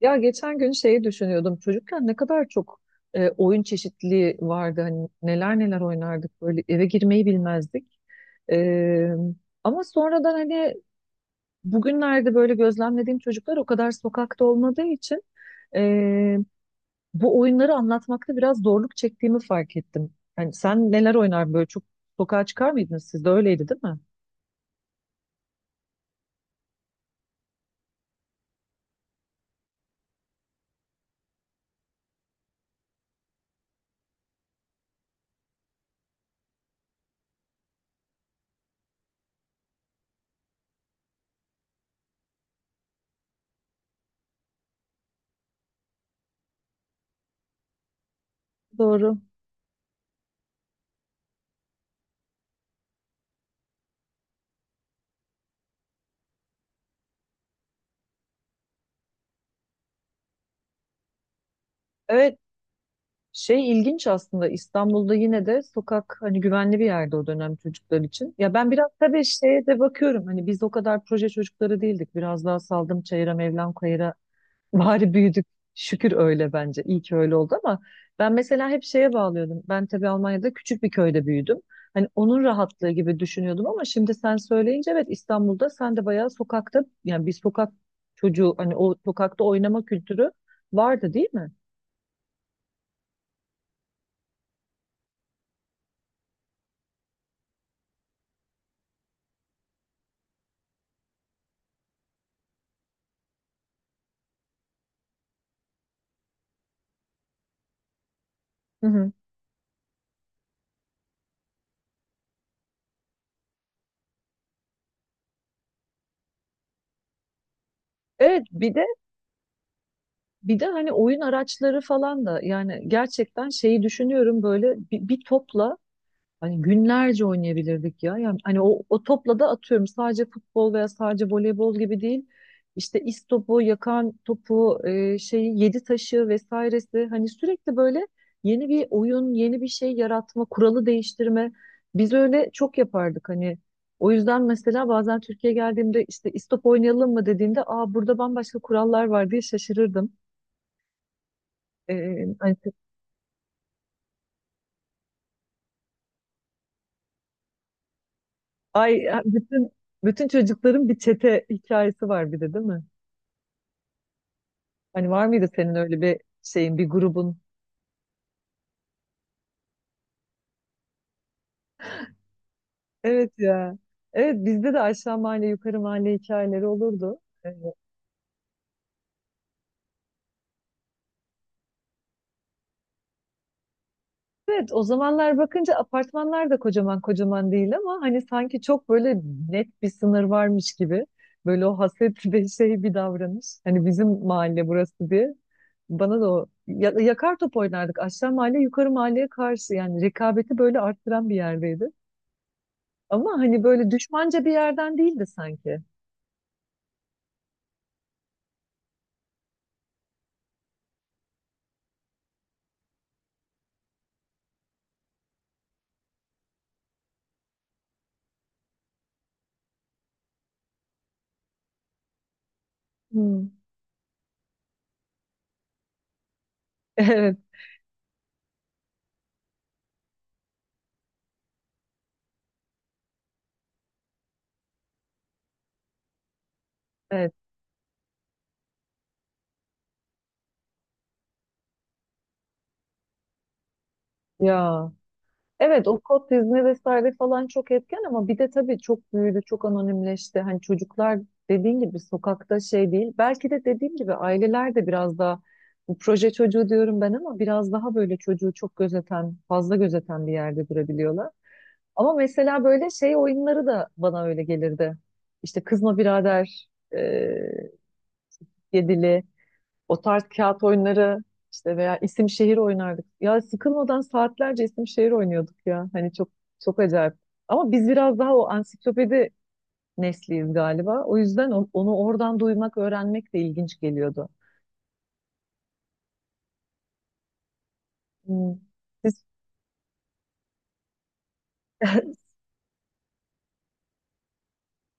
Ya geçen gün şeyi düşünüyordum. Çocukken ne kadar çok oyun çeşitliliği vardı. Hani neler neler oynardık böyle eve girmeyi bilmezdik. E, ama sonradan hani bugünlerde böyle gözlemlediğim çocuklar o kadar sokakta olmadığı için e, bu oyunları anlatmakta biraz zorluk çektiğimi fark ettim. Yani sen neler oynar böyle çok sokağa çıkar mıydınız? Siz de öyleydi değil mi? Doğru. Evet, şey ilginç aslında. İstanbul'da yine de sokak hani güvenli bir yerde o dönem çocuklar için. Ya ben biraz tabii şeye de bakıyorum hani biz o kadar proje çocukları değildik. Biraz daha saldım çayıra Mevlam kayıra bari büyüdük. Şükür öyle bence. İyi ki öyle oldu ama ben mesela hep şeye bağlıyordum. Ben tabii Almanya'da küçük bir köyde büyüdüm. Hani onun rahatlığı gibi düşünüyordum ama şimdi sen söyleyince evet, İstanbul'da sen de bayağı sokakta yani bir sokak çocuğu, hani o sokakta oynama kültürü vardı değil mi? Hı hı. Evet, bir de hani oyun araçları falan da yani gerçekten şeyi düşünüyorum böyle bir topla hani günlerce oynayabilirdik ya. Yani hani o topla da atıyorum sadece futbol veya sadece voleybol gibi değil. İşte istopu, yakan topu, şeyi, yedi taşı vesairesi, hani sürekli böyle yeni bir oyun, yeni bir şey yaratma, kuralı değiştirme. Biz öyle çok yapardık hani. O yüzden mesela bazen Türkiye'ye geldiğimde işte istop oynayalım mı dediğinde, aa burada bambaşka kurallar var diye şaşırırdım. Ee, ay, ay, bütün bütün çocukların bir çete hikayesi var bir de değil mi? Hani var mıydı senin öyle bir şeyin, bir grubun? Evet ya. Evet, bizde de aşağı mahalle, yukarı mahalle hikayeleri olurdu. Evet, o zamanlar bakınca apartmanlar da kocaman kocaman değil ama hani sanki çok böyle net bir sınır varmış gibi. Böyle o hasretli bir şey, bir davranış. Hani bizim mahalle burası diye. Bana da o yakar top oynardık. Aşağı mahalle yukarı mahalleye karşı yani, rekabeti böyle arttıran bir yerdeydi. Ama hani böyle düşmanca bir yerden değildi sanki. Hmm. Evet, evet. Ya. Evet, o kod dizme vesaire falan çok etken ama bir de tabii çok büyüdü, çok anonimleşti. Hani çocuklar dediğin gibi sokakta şey değil. Belki de dediğim gibi aileler de biraz daha, bu proje çocuğu diyorum ben, ama biraz daha böyle çocuğu çok gözeten, fazla gözeten bir yerde durabiliyorlar. Ama mesela böyle şey oyunları da bana öyle gelirdi. İşte Kızma Birader, e, Yedili. O tarz kağıt oyunları işte, veya isim şehir oynardık. Ya sıkılmadan saatlerce isim şehir oynuyorduk ya. Hani çok çok acayip. Ama biz biraz daha o ansiklopedi nesliyiz galiba. O yüzden onu oradan duymak, öğrenmek de ilginç geliyordu. Hmm. Siz-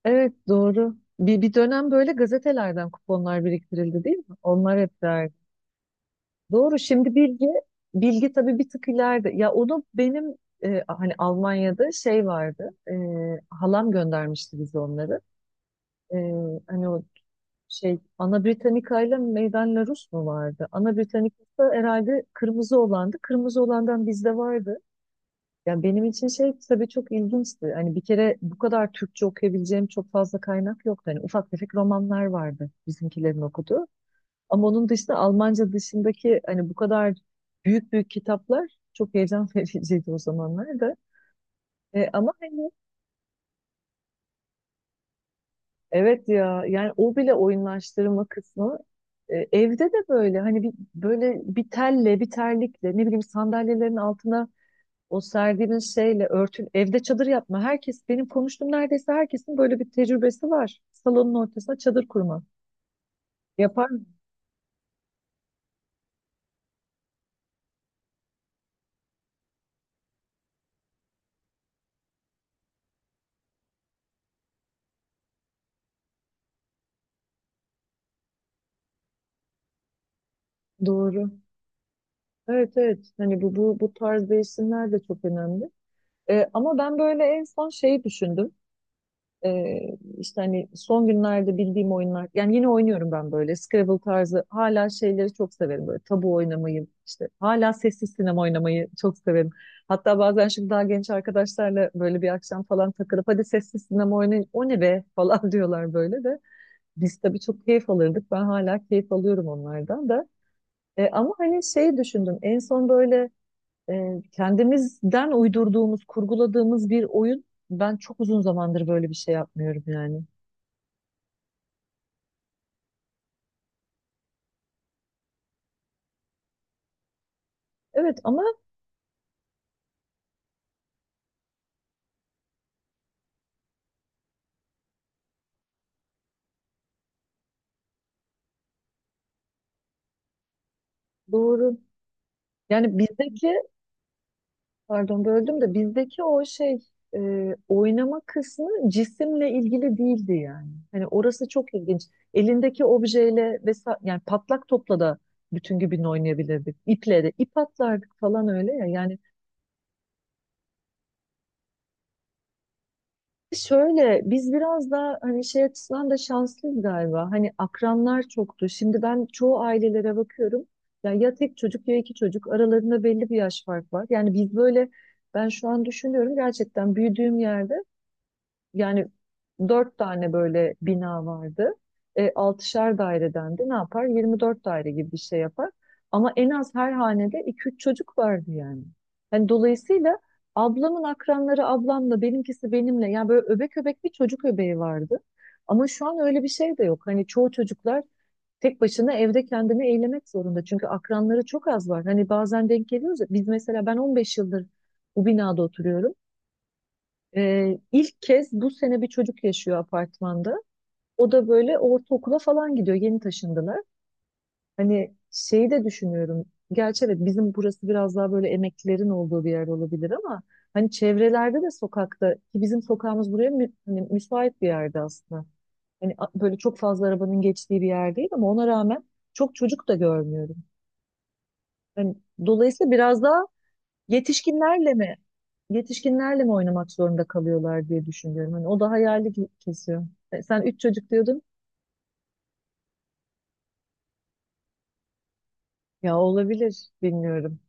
evet, doğru. Bir dönem böyle gazetelerden kuponlar biriktirildi değil mi? Onlar hep. Doğru, şimdi bilgi tabii bir tık ileride. Ya onu benim hani Almanya'da şey vardı. Halam göndermişti bize onları. E, hani o şey, Ana Britannica ile Meydan La Rus mu vardı? Ana Britannica herhalde kırmızı olandı. Kırmızı olandan bizde vardı. Yani benim için şey tabii çok ilginçti. Hani bir kere bu kadar Türkçe okuyabileceğim çok fazla kaynak yoktu. Hani ufak tefek romanlar vardı bizimkilerin okuduğu. Ama onun dışında Almanca dışındaki hani bu kadar büyük büyük kitaplar çok heyecan vericiydi o zamanlar da. Ama hani evet ya yani o bile oyunlaştırma kısmı, evde de böyle hani bir, böyle bir telle, bir terlikle, ne bileyim sandalyelerin altına o serdiğimiz şeyle örtün evde çadır yapma. Herkes benim konuştuğum, neredeyse herkesin böyle bir tecrübesi var. Salonun ortasına çadır kurma. Yapar mı? Doğru. Evet, evet, hani bu tarz değişimler de çok önemli. Ama ben böyle en son şeyi düşündüm. Ee, işte hani son günlerde bildiğim oyunlar. Yani yine oynuyorum ben böyle. Scrabble tarzı. Hala şeyleri çok severim. Böyle tabu oynamayı. İşte hala sessiz sinema oynamayı çok severim. Hatta bazen şimdi daha genç arkadaşlarla böyle bir akşam falan takılıp hadi sessiz sinema oynayın, o ne be falan diyorlar böyle de. Biz tabii çok keyif alırdık. Ben hala keyif alıyorum onlardan da. Ama hani şey düşündüm. En son böyle kendimizden uydurduğumuz, kurguladığımız bir oyun. Ben çok uzun zamandır böyle bir şey yapmıyorum yani. Evet, ama doğru. Yani bizdeki, pardon böldüm de, bizdeki o şey, oynama kısmı cisimle ilgili değildi yani. Hani orası çok ilginç. Elindeki objeyle vesaire, yani patlak topla da bütün gün oynayabilirdik. İple de ip atlardık falan, öyle ya. Yani şöyle, biz biraz daha hani şey açısından da şanslıyız galiba. Hani akranlar çoktu. Şimdi ben çoğu ailelere bakıyorum. Ya, ya tek çocuk, ya iki çocuk. Aralarında belli bir yaş fark var. Yani biz böyle, ben şu an düşünüyorum, gerçekten büyüdüğüm yerde yani dört tane böyle bina vardı. Altışar daireden de ne yapar? 24 daire gibi bir şey yapar. Ama en az her hanede iki üç çocuk vardı yani. Hani dolayısıyla ablamın akranları ablamla, benimkisi benimle. Yani böyle öbek öbek bir çocuk öbeği vardı. Ama şu an öyle bir şey de yok. Hani çoğu çocuklar tek başına evde kendini eğlemek zorunda. Çünkü akranları çok az var. Hani bazen denk geliyoruz ya. Biz mesela ben 15 yıldır bu binada oturuyorum. İlk kez bu sene bir çocuk yaşıyor apartmanda. O da böyle ortaokula falan gidiyor. Yeni taşındılar. Hani şeyi de düşünüyorum. Gerçi evet, bizim burası biraz daha böyle emeklilerin olduğu bir yer olabilir ama hani çevrelerde de, sokakta ki bizim sokağımız buraya hani müsait bir yerde aslında. Hani böyle çok fazla arabanın geçtiği bir yer değil ama ona rağmen çok çocuk da görmüyorum. Hani dolayısıyla biraz daha. Yetişkinlerle mi? Yetişkinlerle mi oynamak zorunda kalıyorlar diye düşünüyorum. Hani o da hayali kesiyor. Sen üç çocuk diyordun. Ya olabilir, bilmiyorum.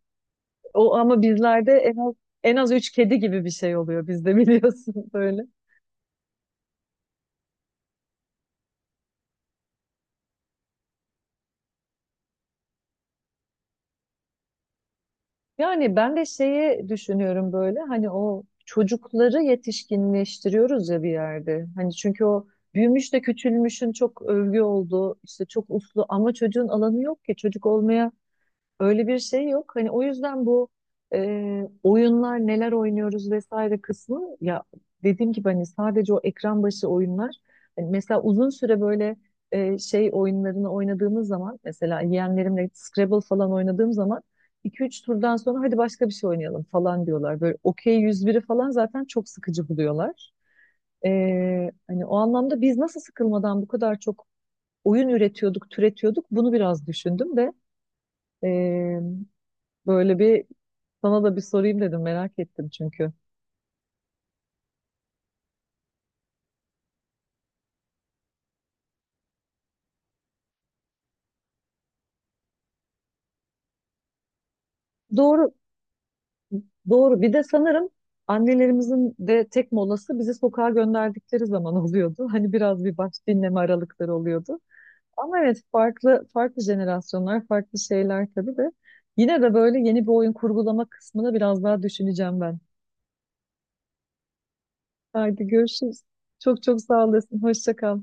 O ama bizlerde en az üç kedi gibi bir şey oluyor bizde biliyorsun böyle. Yani ben de şeyi düşünüyorum böyle, hani o çocukları yetişkinleştiriyoruz ya bir yerde. Hani çünkü o büyümüş de küçülmüşün çok övgü olduğu, işte çok uslu ama çocuğun alanı yok ki çocuk olmaya. Öyle bir şey yok. Hani o yüzden bu oyunlar neler oynuyoruz vesaire kısmı, ya dediğim gibi hani sadece o ekran başı oyunlar. Hani mesela uzun süre böyle şey oyunlarını oynadığımız zaman, mesela yeğenlerimle Scrabble falan oynadığım zaman iki üç turdan sonra hadi başka bir şey oynayalım falan diyorlar. Böyle Okey 101'i falan zaten çok sıkıcı buluyorlar. E, hani o anlamda biz nasıl sıkılmadan bu kadar çok oyun üretiyorduk, türetiyorduk, bunu biraz düşündüm de e, böyle bir, sana da bir sorayım dedim, merak ettim çünkü. Doğru, doğru. Bir de sanırım annelerimizin de tek molası bizi sokağa gönderdikleri zaman oluyordu. Hani biraz bir baş dinleme aralıkları oluyordu. Ama evet, farklı farklı jenerasyonlar, farklı şeyler tabii de. Yine de böyle yeni bir oyun kurgulama kısmını biraz daha düşüneceğim ben. Haydi görüşürüz. Çok çok sağ olasın. Hoşça kal.